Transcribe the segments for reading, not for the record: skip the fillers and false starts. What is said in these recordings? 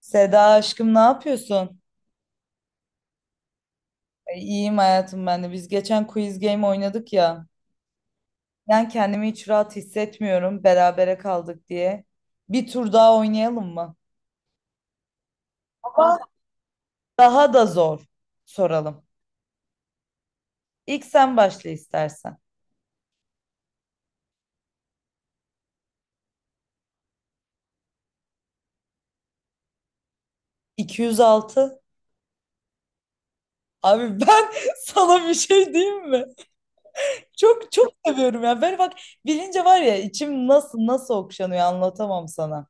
Seda aşkım ne yapıyorsun? E, İyiyim hayatım ben de. Biz geçen quiz game oynadık ya. Ben kendimi hiç rahat hissetmiyorum berabere kaldık diye. Bir tur daha oynayalım mı? Ama daha da zor soralım. İlk sen başla istersen. 206. Abi ben sana bir şey diyeyim mi? Çok çok seviyorum ya. Ben bak bilince var ya, içim nasıl nasıl okşanıyor, anlatamam sana.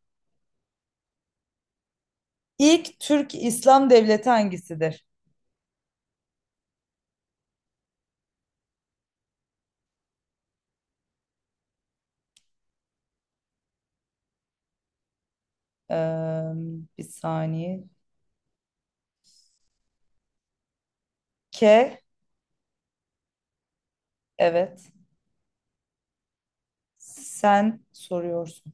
İlk Türk İslam devleti hangisidir? Eee, bir saniye. K, evet. Sen soruyorsun.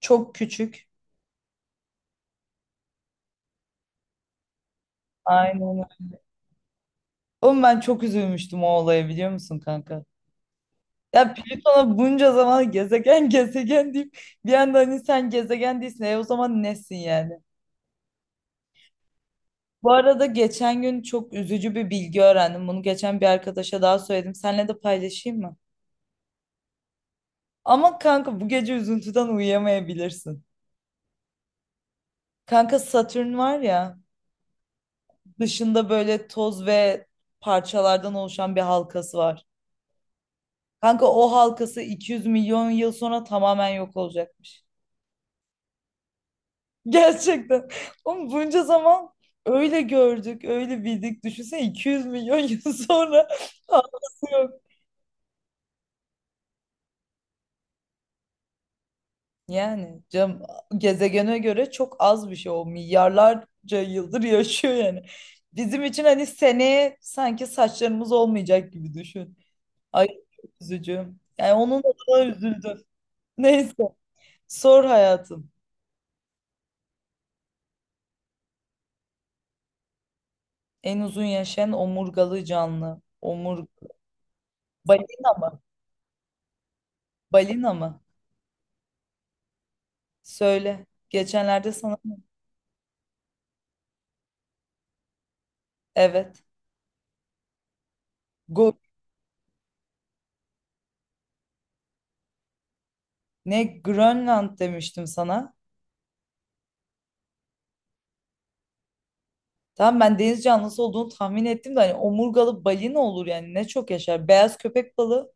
Çok küçük. Aynen öyle. Oğlum ben çok üzülmüştüm o olaya, biliyor musun kanka? Ya Plüton'a bunca zaman gezegen gezegen deyip bir anda hani sen gezegen değilsin. E o zaman nesin yani? Bu arada geçen gün çok üzücü bir bilgi öğrendim. Bunu geçen bir arkadaşa daha söyledim. Seninle de paylaşayım mı? Ama kanka bu gece üzüntüden uyuyamayabilirsin. Kanka Satürn var ya, dışında böyle toz ve parçalardan oluşan bir halkası var. Kanka o halkası 200 milyon yıl sonra tamamen yok olacakmış. Gerçekten. Oğlum bunca zaman öyle gördük, öyle bildik. Düşünsene 200 milyon yıl sonra halkası yok. Yani canım, gezegene göre çok az bir şey o. Milyarlarca yıldır yaşıyor yani. Bizim için hani seneye sanki saçlarımız olmayacak gibi düşün. Ay çok üzücü. Yani onun adına üzüldüm. Neyse. Sor hayatım. En uzun yaşayan omurgalı canlı. Balina mı? Balina mı? Söyle. Geçenlerde sana evet. Go ne, Grönland demiştim sana. Tamam, ben deniz canlısı olduğunu tahmin ettim de hani omurgalı balina olur yani, ne çok yaşar. Beyaz köpek balığı.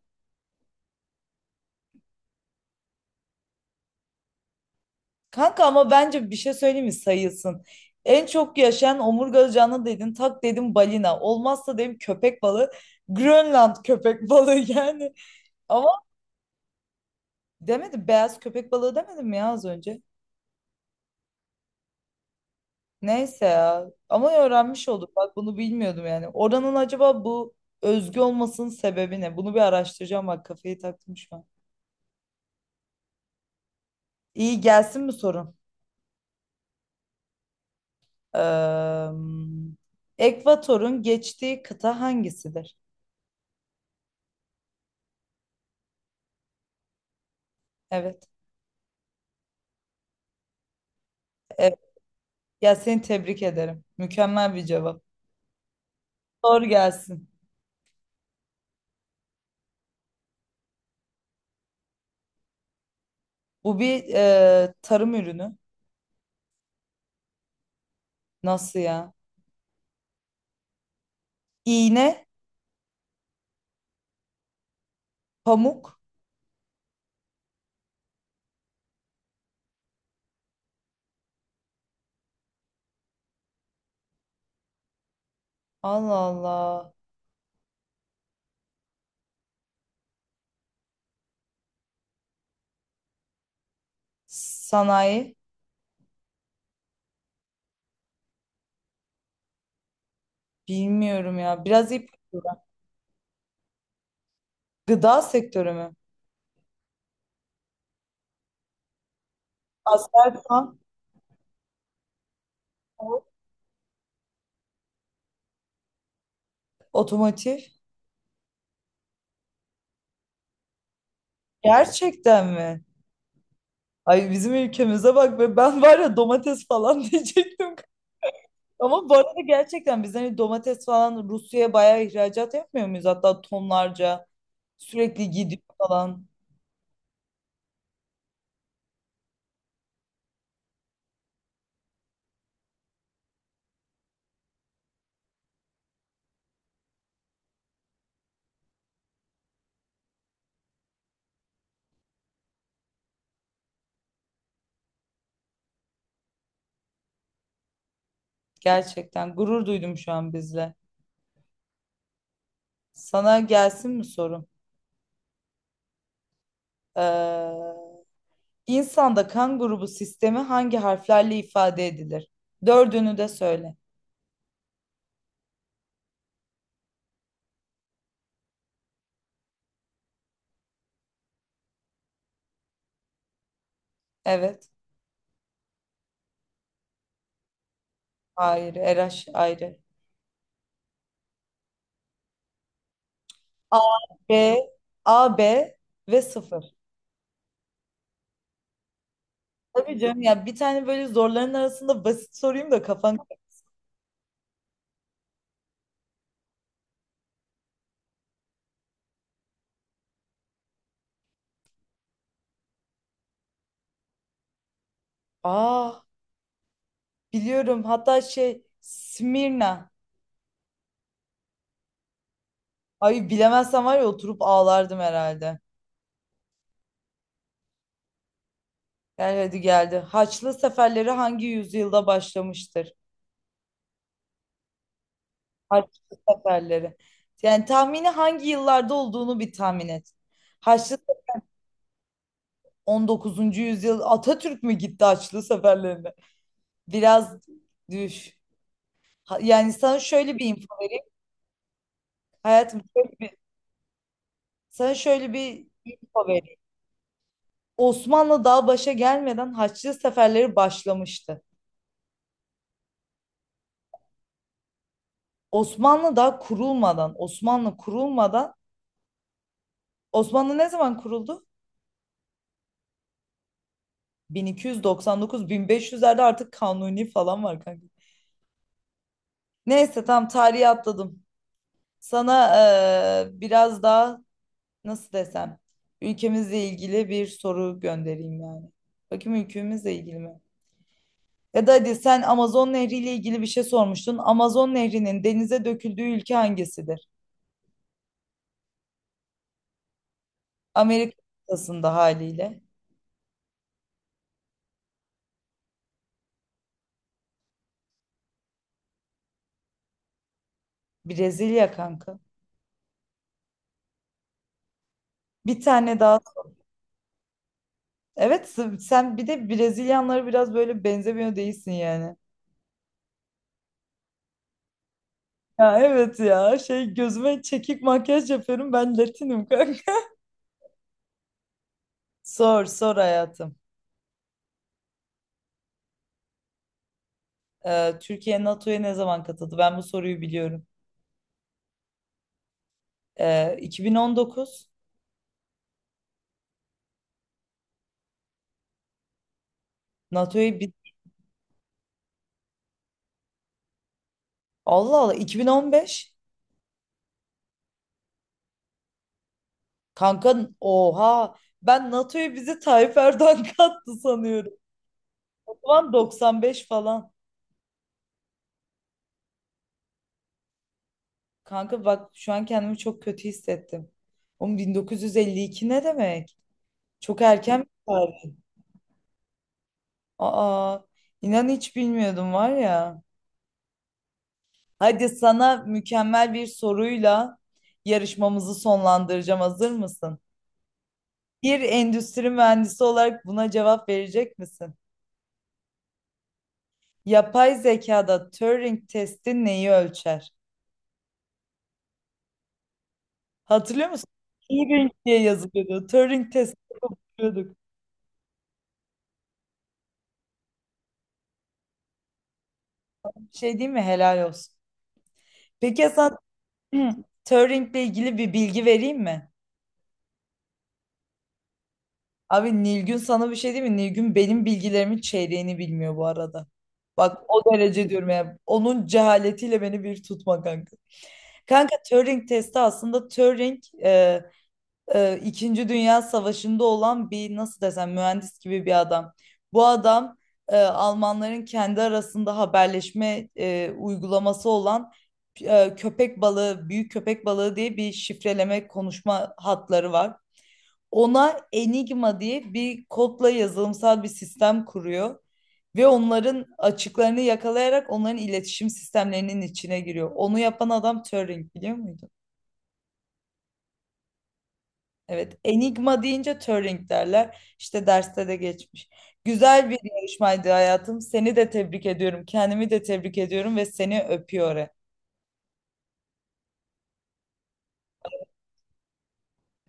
Kanka ama bence bir şey söyleyeyim mi, sayılsın. En çok yaşayan omurgalı canlı dedin. Tak dedim balina. Olmazsa dedim köpek balığı. Grönland köpek balığı yani. Ama demedim beyaz köpek balığı demedim mi ya az önce? Neyse ya. Ama öğrenmiş olduk. Bak bunu bilmiyordum yani. Oranın acaba bu özgü olmasının sebebi ne? Bunu bir araştıracağım. Bak kafayı taktım şu an. İyi, gelsin mi sorun? Ekvator'un geçtiği kıta hangisidir? Evet. Evet. Ya seni tebrik ederim. Mükemmel bir cevap. Sor gelsin. Bu bir tarım ürünü. Nasıl ya? İğne, pamuk. Allah Allah. Sanayi. Bilmiyorum ya. Biraz ip. Gıda sektörü mü? Aselsan, Ford, otomotiv. Gerçekten mi? Ay bizim ülkemize bak be, ben var ya domates falan diyecektim. Ama bu arada gerçekten biz hani domates falan Rusya'ya bayağı ihracat yapmıyor muyuz? Hatta tonlarca sürekli gidiyor falan. Gerçekten gurur duydum şu an bizle. Sana gelsin mi sorum? Ee, insanda kan grubu sistemi hangi harflerle ifade edilir? Dördünü de söyle. Evet. Hayır. RH ayrı. A, B, A, B ve sıfır. Tabii canım ya, bir tane böyle zorların arasında basit sorayım da kafan. Aa, biliyorum, hatta şey, Smirna. Ay, bilemezsem var ya oturup ağlardım herhalde. Gel hadi, geldi. Haçlı seferleri hangi yüzyılda başlamıştır? Haçlı seferleri. Yani tahmini hangi yıllarda olduğunu bir tahmin et. Haçlı 19. yüzyıl, Atatürk mü gitti Haçlı seferlerine? Biraz düş. Yani sana şöyle bir info. Hayatım şöyle bir, sana şöyle bir info vereyim. Osmanlı daha başa gelmeden Haçlı seferleri başlamıştı. Osmanlı daha kurulmadan, Osmanlı kurulmadan, Osmanlı ne zaman kuruldu? 1299-1500'lerde artık Kanuni falan var kanka. Neyse, tam tarihi atladım. Sana biraz daha, nasıl desem, ülkemizle ilgili bir soru göndereyim yani. Bakayım ülkemizle ilgili mi? Ya da hadi sen Amazon Nehri ile ilgili bir şey sormuştun. Amazon Nehri'nin denize döküldüğü ülke hangisidir? Amerika kıtasında haliyle. Brezilya kanka. Bir tane daha. Evet, sen bir de Brezilyanlara biraz böyle benzemiyor değilsin yani. Ya evet, ya şey, gözüme çekik makyaj yapıyorum, ben Latinim kanka. Sor sor hayatım. Türkiye NATO'ya ne zaman katıldı? Ben bu soruyu biliyorum. 2019 NATO'ya bir... Allah Allah, 2015. Kanka, oha, ben NATO'ya bizi Tayyip Erdoğan kattı sanıyorum. O zaman 95 falan. Kanka bak şu an kendimi çok kötü hissettim. Oğlum 1952 ne demek? Çok erken bir tarih. Aa, inan hiç bilmiyordum var ya. Hadi sana mükemmel bir soruyla yarışmamızı sonlandıracağım. Hazır mısın? Bir endüstri mühendisi olarak buna cevap verecek misin? Yapay zekada Turing testi neyi ölçer? Hatırlıyor musun? Turing diye yazılıyordu. Turing testi yapıyorduk. Şey değil mi? Helal olsun. Peki ya Hasan Turing'le ilgili bir bilgi vereyim mi? Abi Nilgün sana bir şey değil mi? Nilgün benim bilgilerimin çeyreğini bilmiyor bu arada. Bak o derece diyorum ya. Onun cehaletiyle beni bir tutma kanka. Kanka Turing testi aslında Turing İkinci Dünya Savaşı'nda olan bir, nasıl desem, mühendis gibi bir adam. Bu adam Almanların kendi arasında haberleşme uygulaması olan köpek balığı, büyük köpek balığı diye bir şifreleme konuşma hatları var. Ona Enigma diye bir kodla yazılımsal bir sistem kuruyor ve onların açıklarını yakalayarak onların iletişim sistemlerinin içine giriyor. Onu yapan adam Turing, biliyor muydun? Evet, enigma deyince Turing derler. İşte derste de geçmiş. Güzel bir yarışmaydı hayatım. Seni de tebrik ediyorum. Kendimi de tebrik ediyorum ve seni öpüyorum.